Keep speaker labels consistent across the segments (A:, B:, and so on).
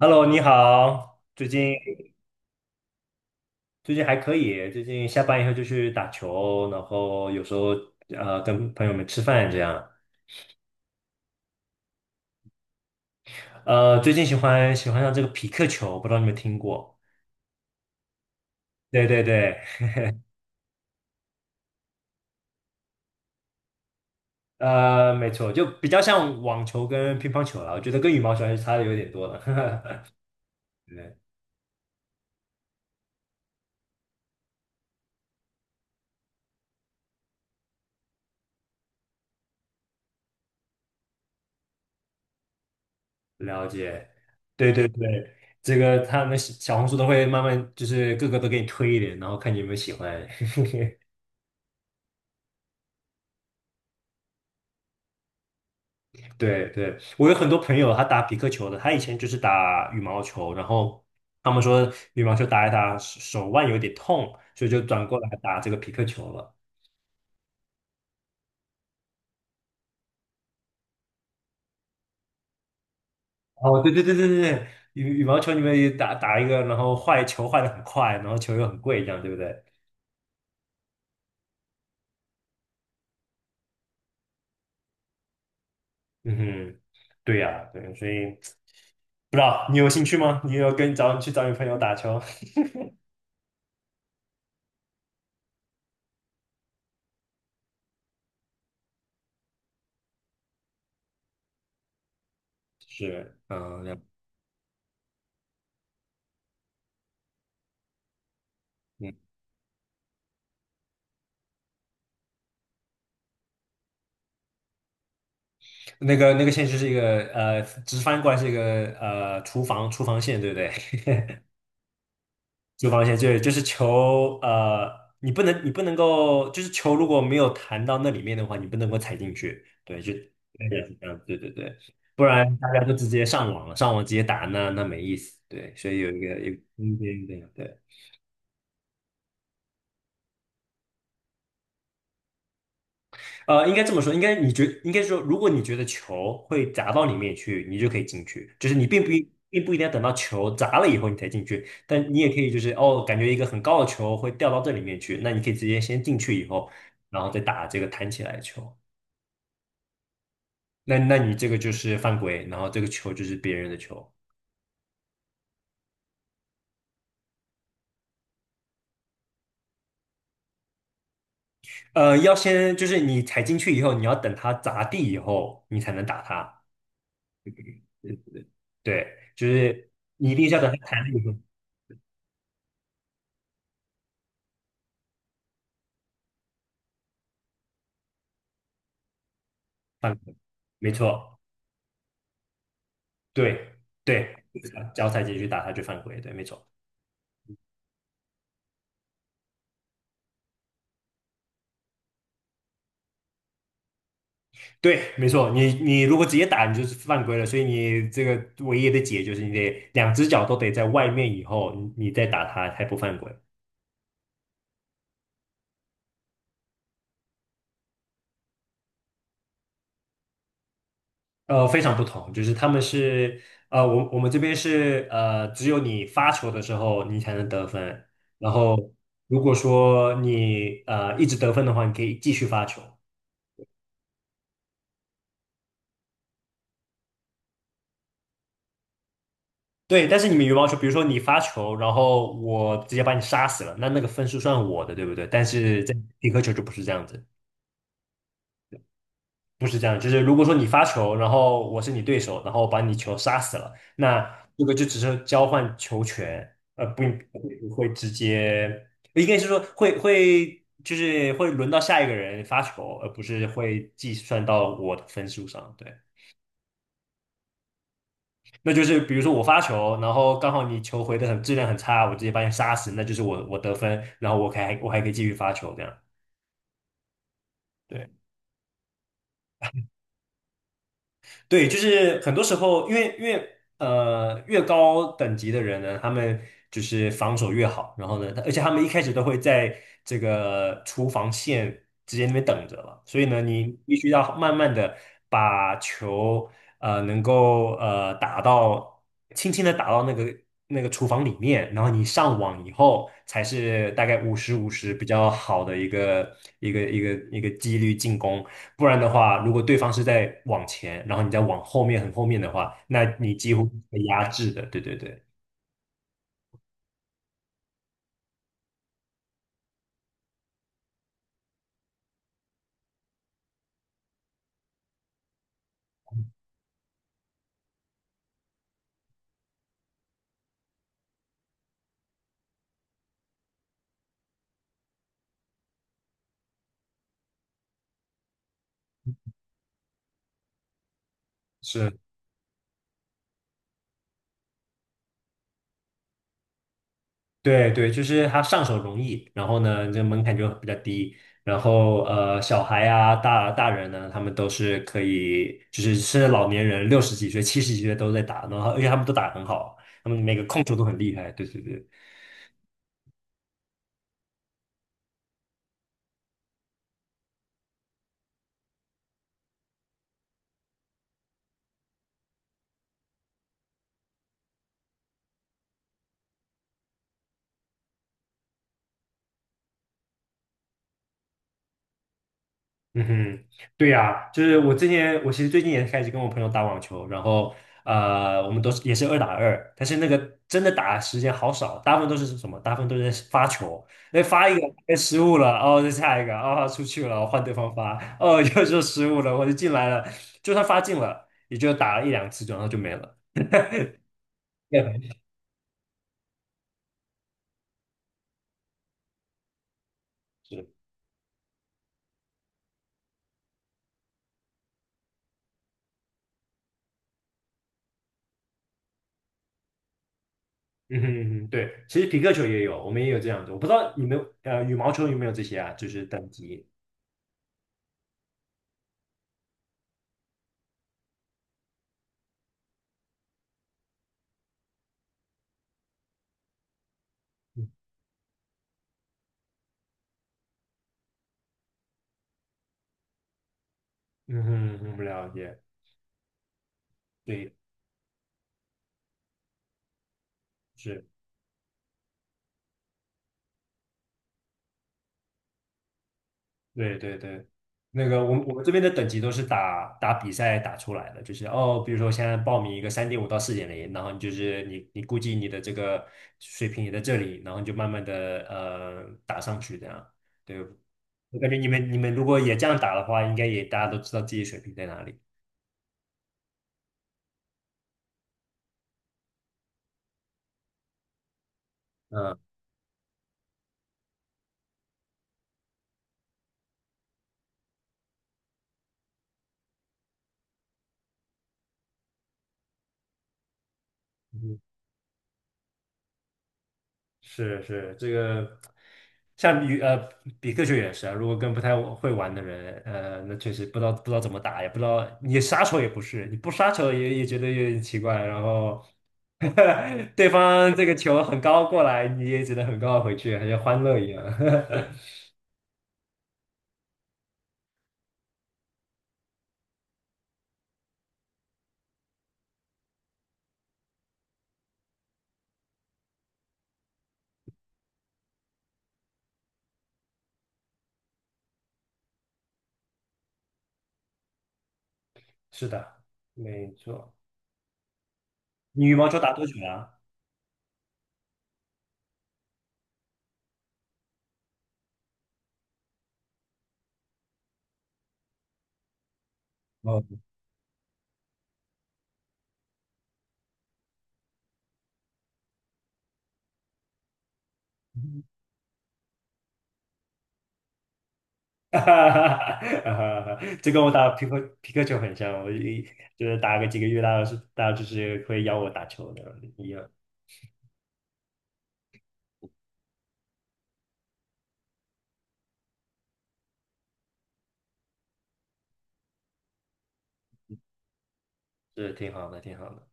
A: Hello，你好，最近还可以，最近下班以后就去打球，然后有时候跟朋友们吃饭这样。最近喜欢上这个匹克球，不知道你们听过？对对对，没错，就比较像网球跟乒乓球了，我觉得跟羽毛球还是差的有点多了。对，了解，对对对，这个他们小红书都会慢慢就是各个都给你推一点，然后看你有没有喜欢。对对，我有很多朋友，他打匹克球的，他以前就是打羽毛球，然后他们说羽毛球打一打手腕有点痛，所以就转过来打这个匹克球了。哦，对对对对对，羽毛球你们也打打一个，然后坏球坏的很快，然后球又很贵，这样对不对？嗯哼，对呀、对，所以不知道你有兴趣吗？你有跟找你去找你朋友打球？是，嗯，了嗯，那个线就是一个直翻过来是一个厨房线，对不对？就防线对，就是球，你不能够，就是球如果没有弹到那里面的话，你不能够踩进去，对，就对，是这样，对对对，不然大家都直接上网了，上网直接打那没意思，对，所以有一个有空间这样对。应该这么说，应该说，如果你觉得球会砸到里面去，你就可以进去，就是你并不一定要等到球砸了以后你才进去，但你也可以就是哦，感觉一个很高的球会掉到这里面去，那你可以直接先进去以后，然后再打这个弹起来的球，那你这个就是犯规，然后这个球就是别人的球，要先就是你踩进去以后，你要等它砸地以后，你才能打它，嗯对，就是你一定是要等它弹了以后犯规，没错。对对，脚踩进去打他就犯规，对，没错，对，没错。你如果直接打，你就是犯规了，所以你这个唯一的解就是你得两只脚都得在外面以后，你再打他才不犯规。非常不同，就是他们是呃，我们这边是只有你发球的时候你才能得分，然后如果说你一直得分的话，你可以继续发球。对，但是你们羽毛球，比如说你发球，然后我直接把你杀死了，那个分数算我的，对不对？但是在匹克球就不是这样子，不是这样，就是如果说你发球，然后我是你对手，然后把你球杀死了，那这个就只是交换球权，不会直接，应该是说会就是会轮到下一个人发球，而不是会计算到我的分数上，对。那就是比如说我发球，然后刚好你球回的很质量很差，我直接把你杀死，那就是我得分，然后我还可以继续发球这样。对。对，就是很多时候，因为越高等级的人呢，他们就是防守越好，然后呢，而且他们一开始都会在这个厨房线直接那边等着了，所以呢，你必须要慢慢的把球能够打到轻轻的打到那个厨房里面，然后你上网以后才是大概五十五十比较好的一个几率进攻。不然的话，如果对方是在往前，然后你再往后面很后面的话，那你几乎被压制的。对对对，是，对对，就是他上手容易，然后呢，这门槛就比较低。然后小孩啊，大人呢，他们都是可以，就是甚至老年人六十几岁、七十几岁都在打，然后而且他们都打得很好，他们每个控球都很厉害。对对对。嗯哼，对呀，就是我之前，我其实最近也开始跟我朋友打网球，然后我们都是也是二打二，但是那个真的打的时间好少，大部分都是什么？大部分都是在发球，那发一个哎失误了，哦，再下一个，哦，出去了，换对方发，哦，又失误了，我就进来了，就算发进了，也就打了一两次，然后就没了。也很是，嗯哼嗯哼，对，其实皮克球也有，我们也有这样子，我不知道你们羽毛球有没有这些啊，就是等级。嗯哼，我们了解。对。是，对对对，那个我们这边的等级都是打打比赛打出来的，就是哦，比如说现在报名一个3.5到4.0，然后你就是你估计你的这个水平也在这里，然后你就慢慢的打上去这样。对，我感觉你们如果也这样打的话，应该也大家都知道自己水平在哪里。嗯是是，这个像比克球也是啊，如果跟不太会玩的人，那确实不知道怎么打，也不知道你杀球也不是，你不杀球也觉得有点奇怪，然后 对方这个球很高过来，你也只能很高的回去，好像欢乐一样。是的，没错。你羽毛球打多久了啊哦，哈哈哈，这跟我打皮克球很像，我就是打个几个月，大家就是会邀我打球的，一样，是挺好的，挺好的。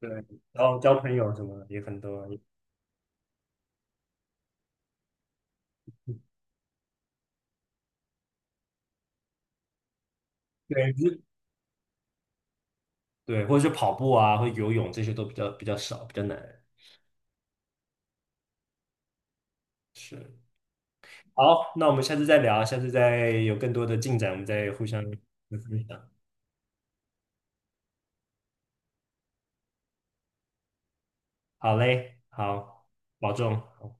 A: 对，然后交朋友什么的也很多，对，只对，或者是跑步啊，或者游泳这些都比较少，比较难。是，好，那我们下次再聊，下次再有更多的进展，我们再互相分享。好嘞，好，保重。好